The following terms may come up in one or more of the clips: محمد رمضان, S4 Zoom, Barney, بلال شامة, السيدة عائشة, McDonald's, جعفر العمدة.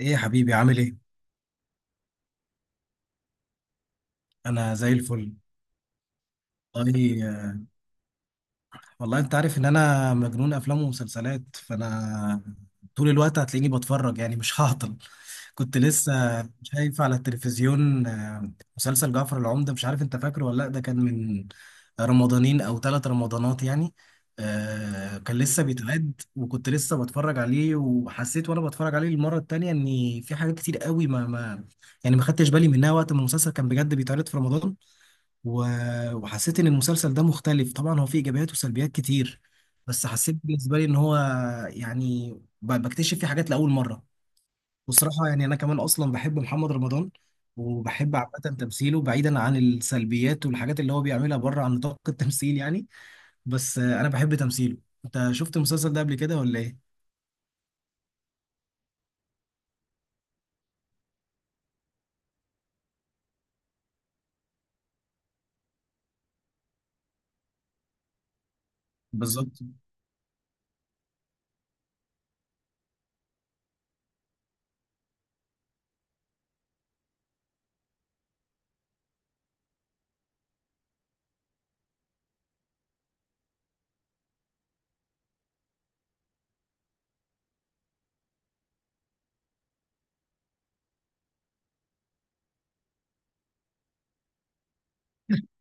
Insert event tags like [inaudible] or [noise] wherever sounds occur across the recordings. ايه يا حبيبي عامل ايه؟ انا زي الفل. والله انت عارف ان انا مجنون افلام ومسلسلات، فانا طول الوقت هتلاقيني بتفرج، يعني مش هعطل. كنت لسه شايف على التلفزيون مسلسل جعفر العمدة، مش عارف انت فاكره ولا لا. ده كان من رمضانين او ثلاث رمضانات يعني. كان لسه بيتعد وكنت لسه بتفرج عليه، وحسيت وانا بتفرج عليه المرة التانية ان في حاجات كتير قوي ما يعني ما خدتش بالي منها وقت ما المسلسل كان بجد بيتعرض في رمضان. و- وحسيت ان المسلسل ده مختلف. طبعا هو فيه ايجابيات وسلبيات كتير، بس حسيت بالنسبه لي ان هو يعني ب- بكتشف فيه حاجات لاول مره. بصراحه يعني انا كمان اصلا بحب محمد رمضان، وبحب عامه تمثيله بعيدا عن السلبيات والحاجات اللي هو بيعملها بره عن نطاق التمثيل يعني. بس انا بحب تمثيله. انت شفت المسلسل ده قبل كده ولا ايه؟ بالظبط.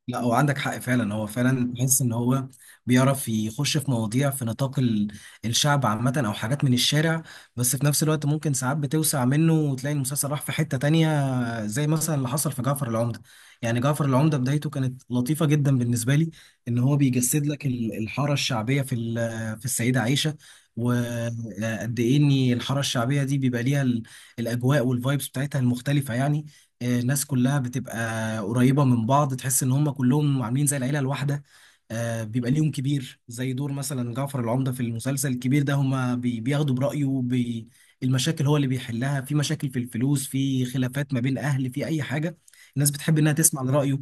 لا هو عندك حق فعلا، هو فعلا بحس ان هو بيعرف يخش في مواضيع في نطاق الشعب عامة او حاجات من الشارع، بس في نفس الوقت ممكن ساعات بتوسع منه وتلاقي المسلسل راح في حتة تانية، زي مثلا اللي حصل في جعفر العمدة. يعني جعفر العمدة بدايته كانت لطيفة جدا بالنسبة لي، ان هو بيجسد لك الحارة الشعبية في في السيدة عائشة، وقد ايه ان الحاره الشعبيه دي بيبقى ليها الاجواء والفايبس بتاعتها المختلفه يعني. الناس كلها بتبقى قريبة من بعض، تحس ان هم كلهم عاملين زي العيلة الواحدة. بيبقى ليهم كبير زي دور مثلا جعفر العمدة في المسلسل الكبير ده، هم بياخدوا برأيه. بي المشاكل هو اللي بيحلها، في مشاكل في الفلوس، في خلافات ما بين أهل، في أي حاجة الناس بتحب انها تسمع لرأيه.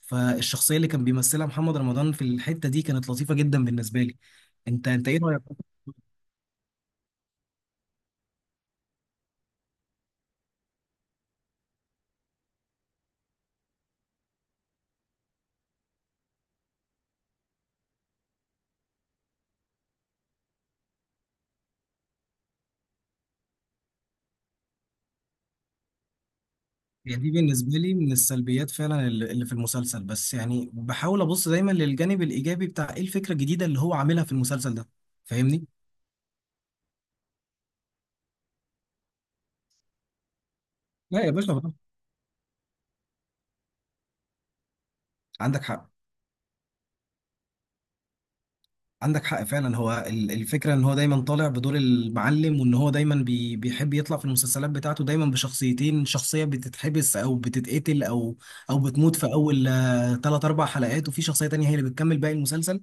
فالشخصية اللي كان بيمثلها محمد رمضان في الحتة دي كانت لطيفة جدا بالنسبة لي. انت ايه رأيك؟ هي دي بالنسبة لي من السلبيات فعلا اللي في المسلسل، بس يعني بحاول أبص دايما للجانب الإيجابي بتاع إيه الفكرة الجديدة اللي هو عاملها في المسلسل ده. فاهمني؟ لا يا باشا طبعاً. عندك حق. عندك حق فعلا، هو الفكرة ان هو دايما طالع بدور المعلم، وان هو دايما بي بيحب يطلع في المسلسلات بتاعته دايما بشخصيتين، شخصية بتتحبس او بتتقتل او او بتموت في اول تلات اربع حلقات، وفي شخصية تانية هي اللي بتكمل باقي المسلسل.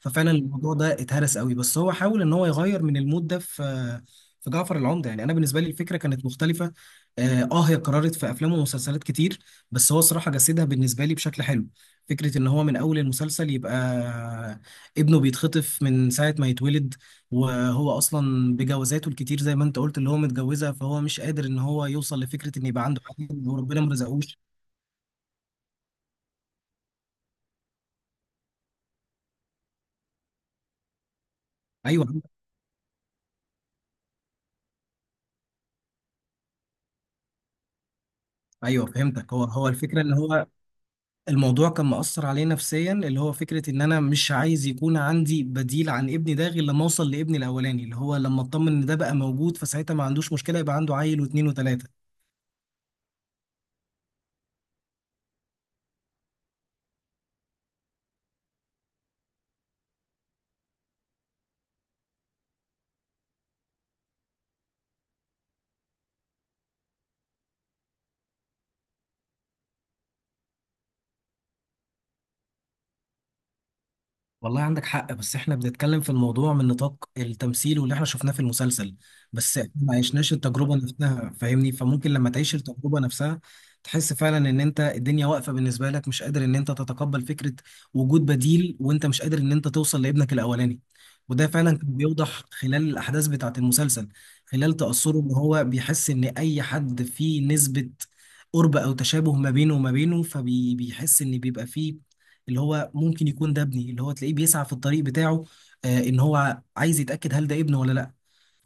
ففعلا الموضوع ده اتهرس قوي، بس هو حاول ان هو يغير من المود ده في في جعفر العمدة. يعني انا بالنسبة لي الفكرة كانت مختلفة. اه هي اتكررت في افلام ومسلسلات كتير، بس هو الصراحة جسدها بالنسبة لي بشكل حلو. فكرة ان هو من اول المسلسل يبقى ابنه بيتخطف من ساعة ما يتولد، وهو أصلا بجوازاته الكتير زي ما أنت قلت اللي هو متجوزها، فهو مش قادر إن هو يوصل لفكرة إن يبقى عنده حاجة وربنا ما رزقوش. أيوه. أيوه فهمتك. هو الفكرة إن هو الموضوع كان مأثر عليه نفسيا، اللي هو فكرة إن أنا مش عايز يكون عندي بديل عن ابني ده غير لما أوصل لابني الأولاني، اللي هو لما أطمن إن ده بقى موجود، فساعتها ما عندوش مشكلة يبقى عنده عيل واتنين وتلاتة. والله عندك حق، بس احنا بنتكلم في الموضوع من نطاق التمثيل واللي احنا شفناه في المسلسل. بس احنا ما عشناش التجربة نفسها فاهمني، فممكن لما تعيش التجربة نفسها تحس فعلا ان انت الدنيا واقفة بالنسبة لك، مش قادر ان انت تتقبل فكرة وجود بديل وانت مش قادر ان انت توصل لابنك الاولاني. وده فعلا كان بيوضح خلال الاحداث بتاعة المسلسل، خلال تأثره ان هو بيحس ان اي حد فيه نسبة قرب او تشابه ما بينه وما بينه، فبيحس ان بيبقى فيه اللي هو ممكن يكون ده ابني، اللي هو تلاقيه بيسعى في الطريق بتاعه. آه ان هو عايز يتأكد هل ده ابنه ولا لا.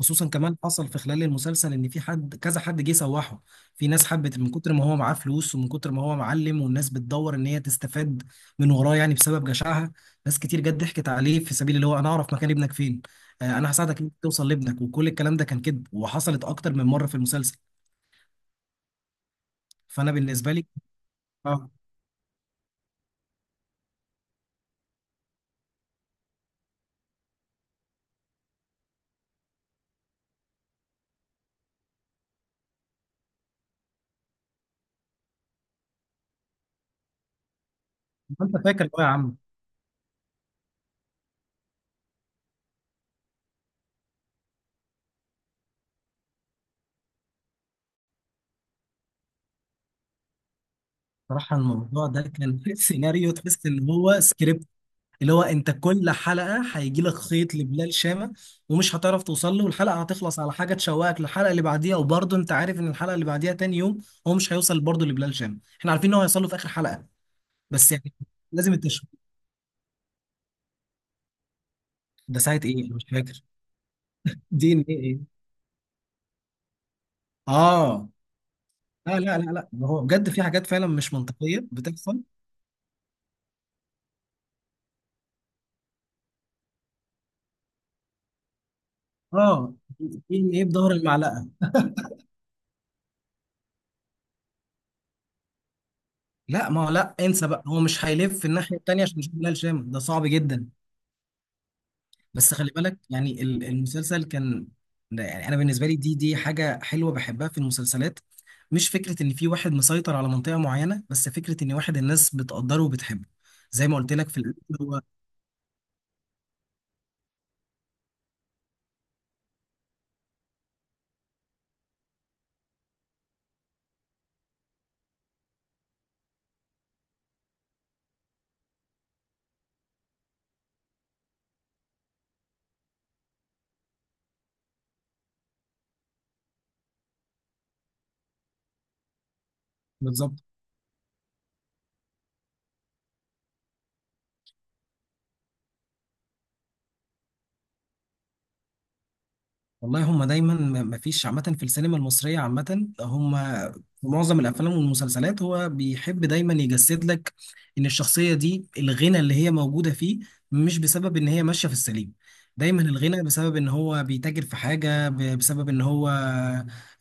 خصوصا كمان حصل في خلال المسلسل ان في حد، كذا حد جه سوحه. في ناس حبت من كتر ما هو معاه فلوس ومن كتر ما هو معلم، والناس بتدور ان هي تستفاد من وراه يعني بسبب جشعها. ناس كتير جت ضحكت عليه في سبيل اللي هو انا اعرف مكان ابنك فين، آه انا هساعدك انك توصل لابنك، وكل الكلام ده كان كذب وحصلت اكتر من مرة في المسلسل. فانا بالنسبة لي اه انت فاكر بقى يا عم؟ صراحة الموضوع ده كان [laughs] سيناريو، تحس ان هو سكريبت اللي هو انت كل حلقة هيجي لك خيط لبلال شامة، ومش هتعرف توصل له، والحلقة هتخلص على حاجة تشوقك للحلقة اللي بعديها، وبرضه انت عارف ان الحلقة اللي بعديها تاني يوم هو مش هيوصل برضه لبلال شامة، احنا عارفين ان هو هيوصل له في اخر حلقة. بس يعني لازم التشويق. ده ساعة ايه، انا مش فاكر. دي ان ايه؟ ايه؟ اه لا لا لا لا، هو بجد في حاجات فعلا مش منطقية بتحصل. اه دي ان ايه بظهر المعلقة؟ لا ما هو لا، انسى بقى، هو مش هيلف الناحية التانية عشان يشوف بلال شام، ده صعب جدا. بس خلي بالك يعني المسلسل كان ده يعني انا بالنسبة لي دي حاجة حلوة بحبها في المسلسلات، مش فكرة ان في واحد مسيطر على منطقة معينة، بس فكرة ان واحد الناس بتقدره وبتحبه زي ما قلت لك في الأول. هو بالظبط. والله هم دايما مفيش عامة في السينما المصرية عامة هم في معظم الأفلام والمسلسلات هو بيحب دايما يجسد لك إن الشخصية دي الغنى اللي هي موجودة فيه مش بسبب إن هي ماشية في السليم، دايما الغنى بسبب إن هو بيتاجر في حاجة بسبب إن هو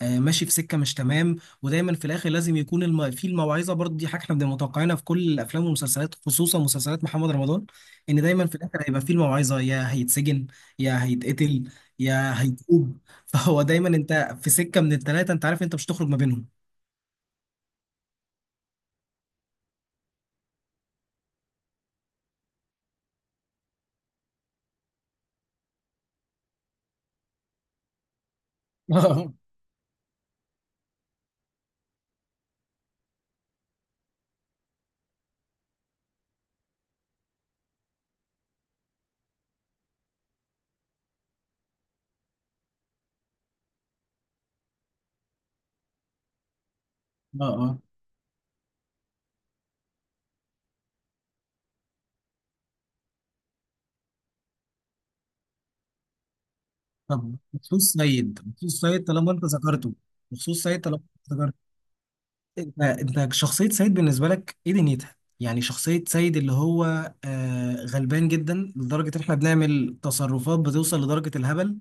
ماشي في سكة مش تمام. ودايما في الآخر لازم يكون الم... في الموعظة، برضه دي حاجة إحنا بنبقى متوقعينها في كل الأفلام والمسلسلات، خصوصا مسلسلات محمد رمضان. إن دايما في الآخر هيبقى في الموعظة، يا هيتسجن يا هيتقتل يا هيتوب. فهو دايما انت في سكه من الثلاثه، انت عارف انت مش هتخرج ما بينهم. [laughs] اه. اه طب بخصوص سيد، بخصوص سيد طالما انت ذكرته، بخصوص سيد طالما انت ذكرته، انت انت شخصيه سيد بالنسبه لك ايه دنيتها؟ يعني شخصيه سيد اللي هو آه غلبان جدا لدرجه ان احنا بنعمل تصرفات بتوصل لدرجه الهبل،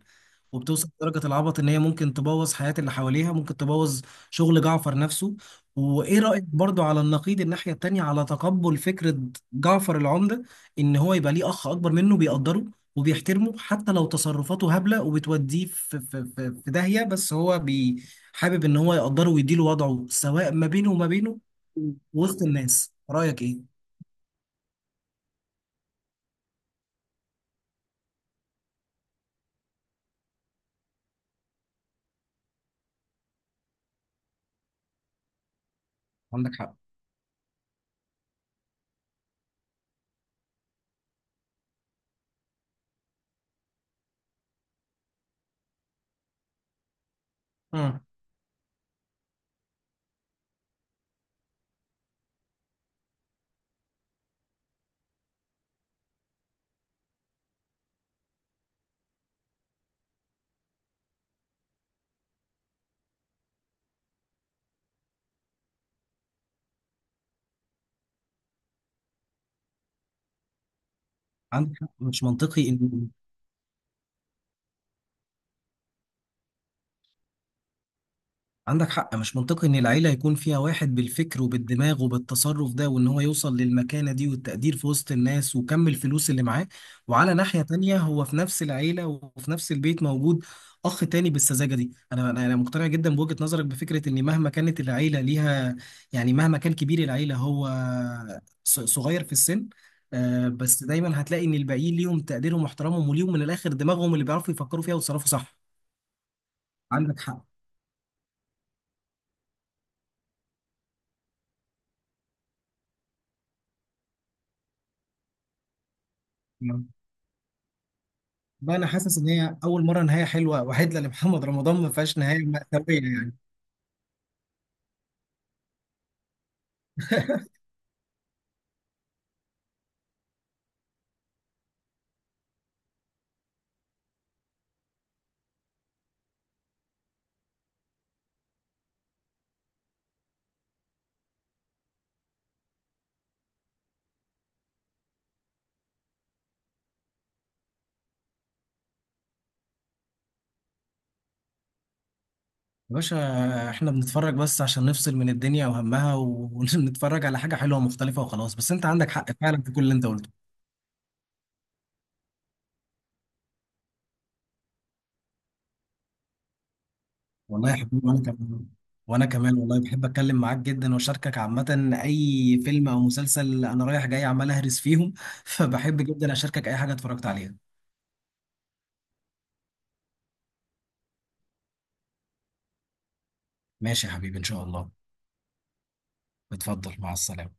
وبتوصل لدرجة العبط، ان هي ممكن تبوظ حياة اللي حواليها، ممكن تبوظ شغل جعفر نفسه. وايه رأيك برضو على النقيض الناحية التانية على تقبل فكرة جعفر العمدة، ان هو يبقى ليه اخ اكبر منه بيقدره وبيحترمه حتى لو تصرفاته هبلة وبتوديه في داهية، بس هو بي حابب ان هو يقدره ويديله وضعه سواء ما بينه وما بينه وسط الناس. رأيك ايه؟ عندك حق. مم. عندك حق مش منطقي ان عندك حق مش منطقي ان العيله يكون فيها واحد بالفكر وبالدماغ وبالتصرف ده وان هو يوصل للمكانه دي والتقدير في وسط الناس وكم الفلوس اللي معاه، وعلى ناحيه تانية هو في نفس العيله وفي نفس البيت موجود اخ تاني بالسذاجه دي. انا انا أنا مقتنع جدا بوجهه نظرك، بفكره ان مهما كانت العيله ليها، يعني مهما كان كبير العيله هو صغير في السن، بس دايما هتلاقي ان الباقيين ليهم تقديرهم واحترامهم وليهم من الاخر دماغهم اللي بيعرفوا يفكروا فيها ويتصرفوا صح. عندك حق. نعم. بقى انا حاسس ان هي اول مره نهايه حلوه وعدله لمحمد رمضان ما فيهاش نهايه مأساويه يعني. [laughs] يا باشا احنا بنتفرج بس عشان نفصل من الدنيا وهمها و- [laughs] ونتفرج على حاجه حلوه ومختلفه وخلاص، بس انت عندك حق فعلا في كل اللي انت قلته. والله يا حبيبي وانا كمان، وانا كمان والله بحب اتكلم معاك جدا واشاركك عامه اي فيلم او مسلسل. انا رايح جاي عمال اهرس فيهم [laughs] فبحب جدا اشاركك اي حاجه اتفرجت عليها. ماشي يا حبيبي ان شاء الله. اتفضل مع السلامه.